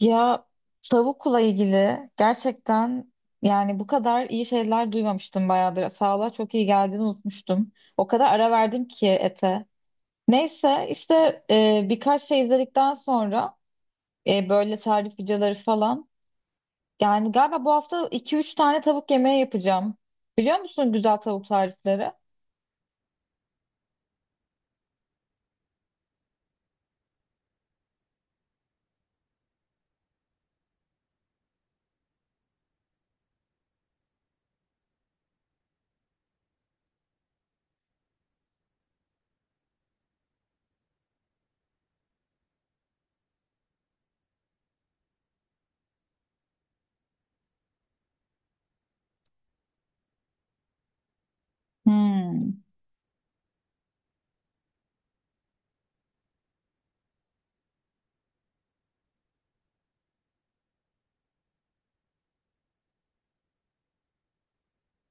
Ya tavukla ilgili gerçekten yani bu kadar iyi şeyler duymamıştım bayağıdır. Sağlığa çok iyi geldiğini unutmuştum. O kadar ara verdim ki ete. Neyse işte birkaç şey izledikten sonra böyle tarif videoları falan. Yani galiba bu hafta iki üç tane tavuk yemeği yapacağım. Biliyor musun güzel tavuk tarifleri? Hmm.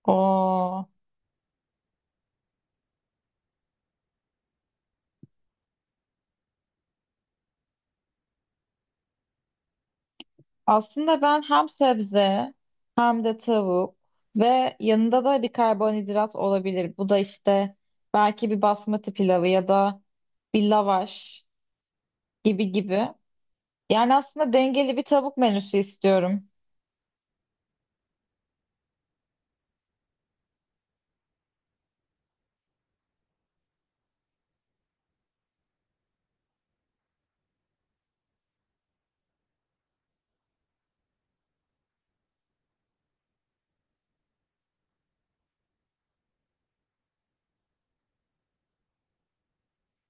Oo. Aslında ben hem sebze hem de tavuk ve yanında da bir karbonhidrat olabilir. Bu da işte belki bir basmati pilavı ya da bir lavaş gibi gibi. Yani aslında dengeli bir tavuk menüsü istiyorum.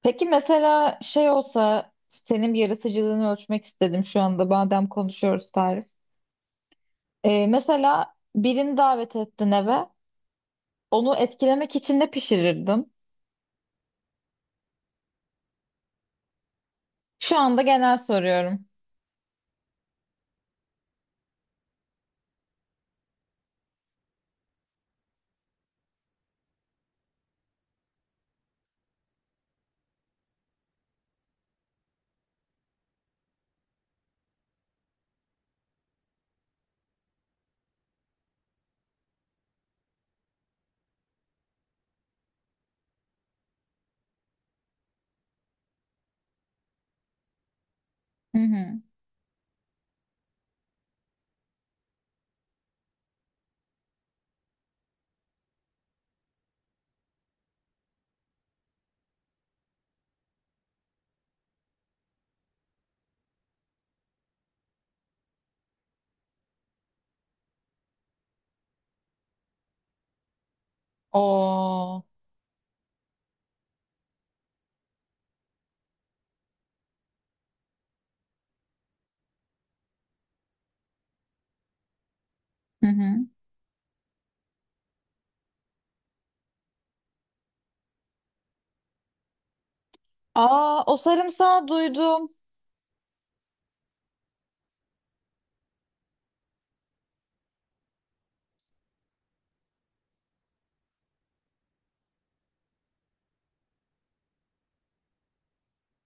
Peki mesela şey olsa senin bir yaratıcılığını ölçmek istedim şu anda madem konuşuyoruz tarif. Mesela birini davet ettin eve. Onu etkilemek için ne pişirirdin? Şu anda genel soruyorum. Hı hı. Oo. Hı hı. Aa, o sarımsağı duydum.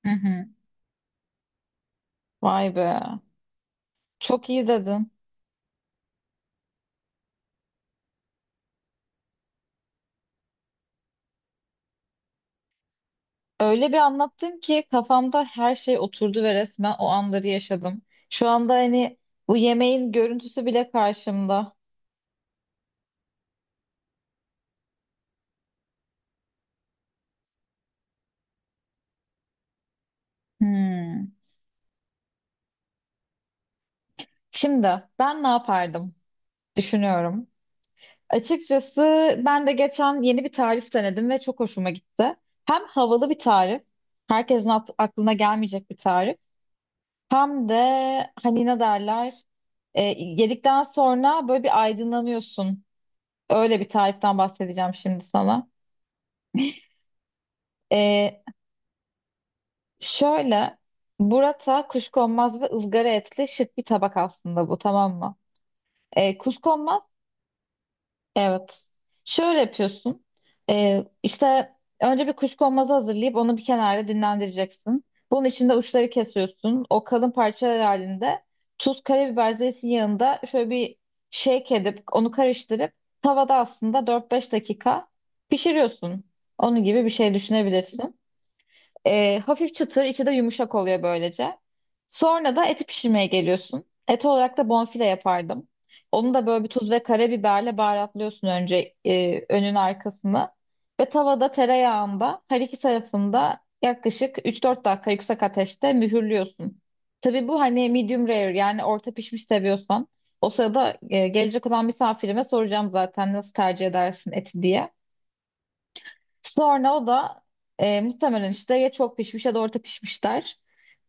Hı hı. Vay be. Çok iyi dedin. Öyle bir anlattın ki kafamda her şey oturdu ve resmen o anları yaşadım. Şu anda hani bu yemeğin görüntüsü bile karşımda. Hmm. Şimdi ben ne yapardım? Düşünüyorum. Açıkçası ben de geçen yeni bir tarif denedim ve çok hoşuma gitti. Hem havalı bir tarif, herkesin aklına gelmeyecek bir tarif. Hem de hani ne derler yedikten sonra böyle bir aydınlanıyorsun. Öyle bir tariften bahsedeceğim şimdi sana. E, Şöyle burrata kuşkonmaz ve ızgara etli şık bir tabak aslında bu tamam mı? E, Evet. Şöyle yapıyorsun. İşte önce bir kuşkonmazı hazırlayıp onu bir kenarda dinlendireceksin. Bunun içinde uçları kesiyorsun. O kalın parçalar halinde tuz, karabiber, zeytin yağında şöyle bir shake edip onu karıştırıp tavada aslında dört beş dakika pişiriyorsun. Onun gibi bir şey düşünebilirsin. Hafif çıtır, içi de yumuşak oluyor böylece. Sonra da eti pişirmeye geliyorsun. Et olarak da bonfile yapardım. Onu da böyle bir tuz ve karabiberle baharatlıyorsun önce önün arkasını. Ve tavada tereyağında her iki tarafında yaklaşık 3-4 dakika yüksek ateşte mühürlüyorsun. Tabii bu hani medium rare yani orta pişmiş seviyorsan. O sırada gelecek olan misafirime soracağım zaten nasıl tercih edersin eti diye. Sonra o da muhtemelen işte ya çok pişmiş ya da orta pişmiş der.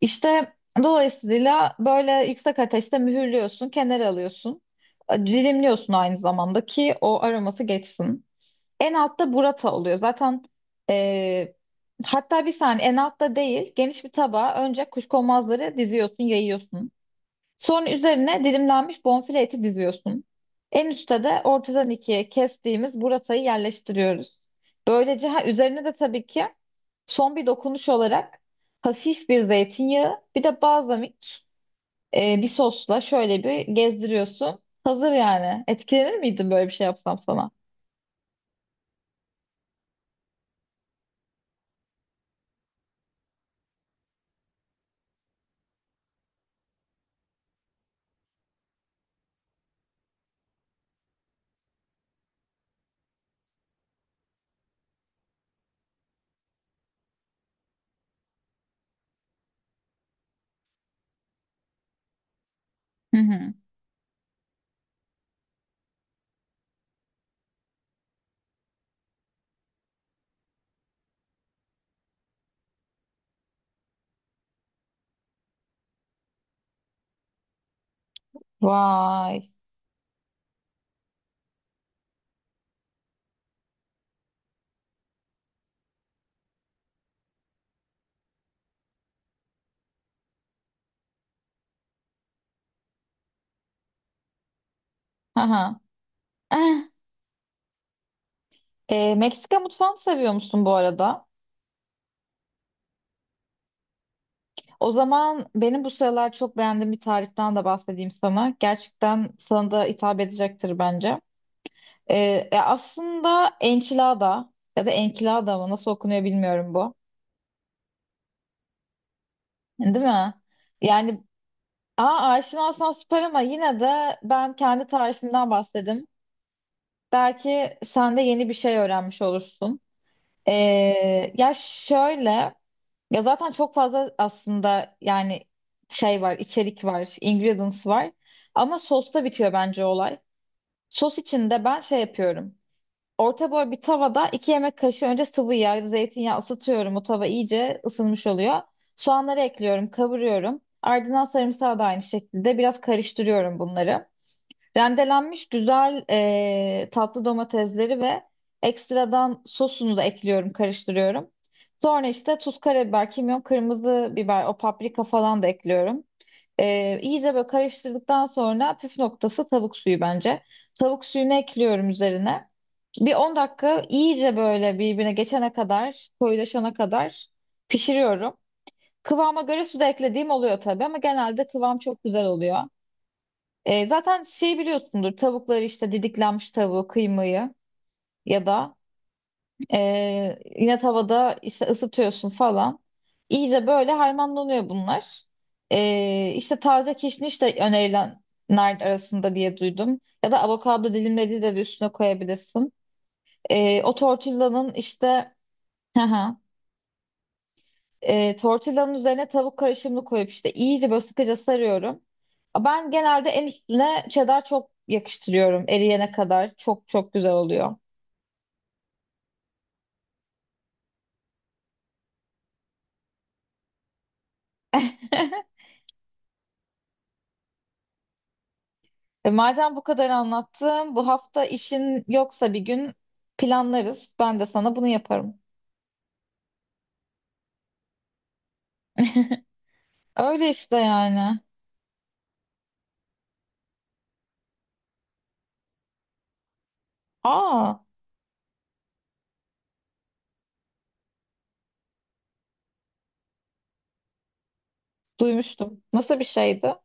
İşte dolayısıyla böyle yüksek ateşte mühürlüyorsun, kenara alıyorsun. Dilimliyorsun aynı zamanda ki o aroması geçsin. En altta burrata oluyor. Zaten e, hatta bir saniye en altta değil geniş bir tabağa önce kuşkonmazları diziyorsun, yayıyorsun. Sonra üzerine dilimlenmiş bonfile eti diziyorsun. En üstte de ortadan ikiye kestiğimiz burasayı yerleştiriyoruz. Böylece ha üzerine de tabii ki son bir dokunuş olarak hafif bir zeytinyağı bir de balzamik bir sosla şöyle bir gezdiriyorsun. Hazır yani. Etkilenir miydin böyle bir şey yapsam sana? Hı hı. Vay. Haha. Eh, Meksika mutfağını seviyor musun bu arada? O zaman benim bu sıralar çok beğendiğim bir tariften de bahsedeyim sana. Gerçekten sana da hitap edecektir bence. E, Aslında enchilada ya da enchilada mı nasıl okunuyor bilmiyorum bu. Değil mi? Yani aa, aşinasan süper ama yine de ben kendi tarifimden bahsedeyim. Belki sen de yeni bir şey öğrenmiş olursun. E, Ya şöyle... Ya zaten çok fazla aslında yani şey var, içerik var, ingredients var. Ama sosta bitiyor bence olay. Sos için de ben şey yapıyorum. Orta boy bir tavada iki yemek kaşığı önce sıvı yağ, zeytinyağı ısıtıyorum. O tava iyice ısınmış oluyor. Soğanları ekliyorum, kavuruyorum. Ardından sarımsağı da aynı şekilde biraz karıştırıyorum bunları. Rendelenmiş güzel tatlı domatesleri ve ekstradan sosunu da ekliyorum, karıştırıyorum. Sonra işte tuz, karabiber, kimyon, kırmızı biber, o paprika falan da ekliyorum. İyice böyle karıştırdıktan sonra püf noktası tavuk suyu bence. Tavuk suyunu ekliyorum üzerine. Bir 10 dakika iyice böyle birbirine geçene kadar, koyulaşana kadar pişiriyorum. Kıvama göre su da eklediğim oluyor tabii ama genelde kıvam çok güzel oluyor. Zaten şey biliyorsundur tavukları işte didiklenmiş tavuğu kıymayı ya da e, yine tavada işte ısıtıyorsun falan. İyice böyle harmanlanıyor bunlar. İşte taze kişniş de önerilenler arasında diye duydum. Ya da avokado dilimleri de üstüne koyabilirsin. E, o tortillanın işte tortillanın üzerine tavuk karışımını koyup işte iyice böyle sıkıca sarıyorum. Ben genelde en üstüne cheddar çok yakıştırıyorum eriyene kadar. Çok çok güzel oluyor. Madem bu kadar anlattım, bu hafta işin yoksa bir gün planlarız. Ben de sana bunu yaparım. Öyle işte yani. Aa, duymuştum. Nasıl bir şeydi?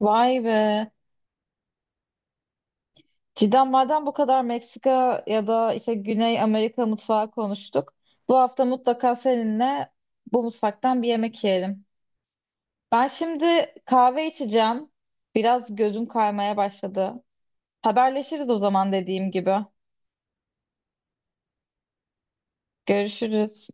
Vay be. Cidden madem bu kadar Meksika ya da işte Güney Amerika mutfağı konuştuk. Bu hafta mutlaka seninle bu mutfaktan bir yemek yiyelim. Ben şimdi kahve içeceğim. Biraz gözüm kaymaya başladı. Haberleşiriz o zaman dediğim gibi. Görüşürüz.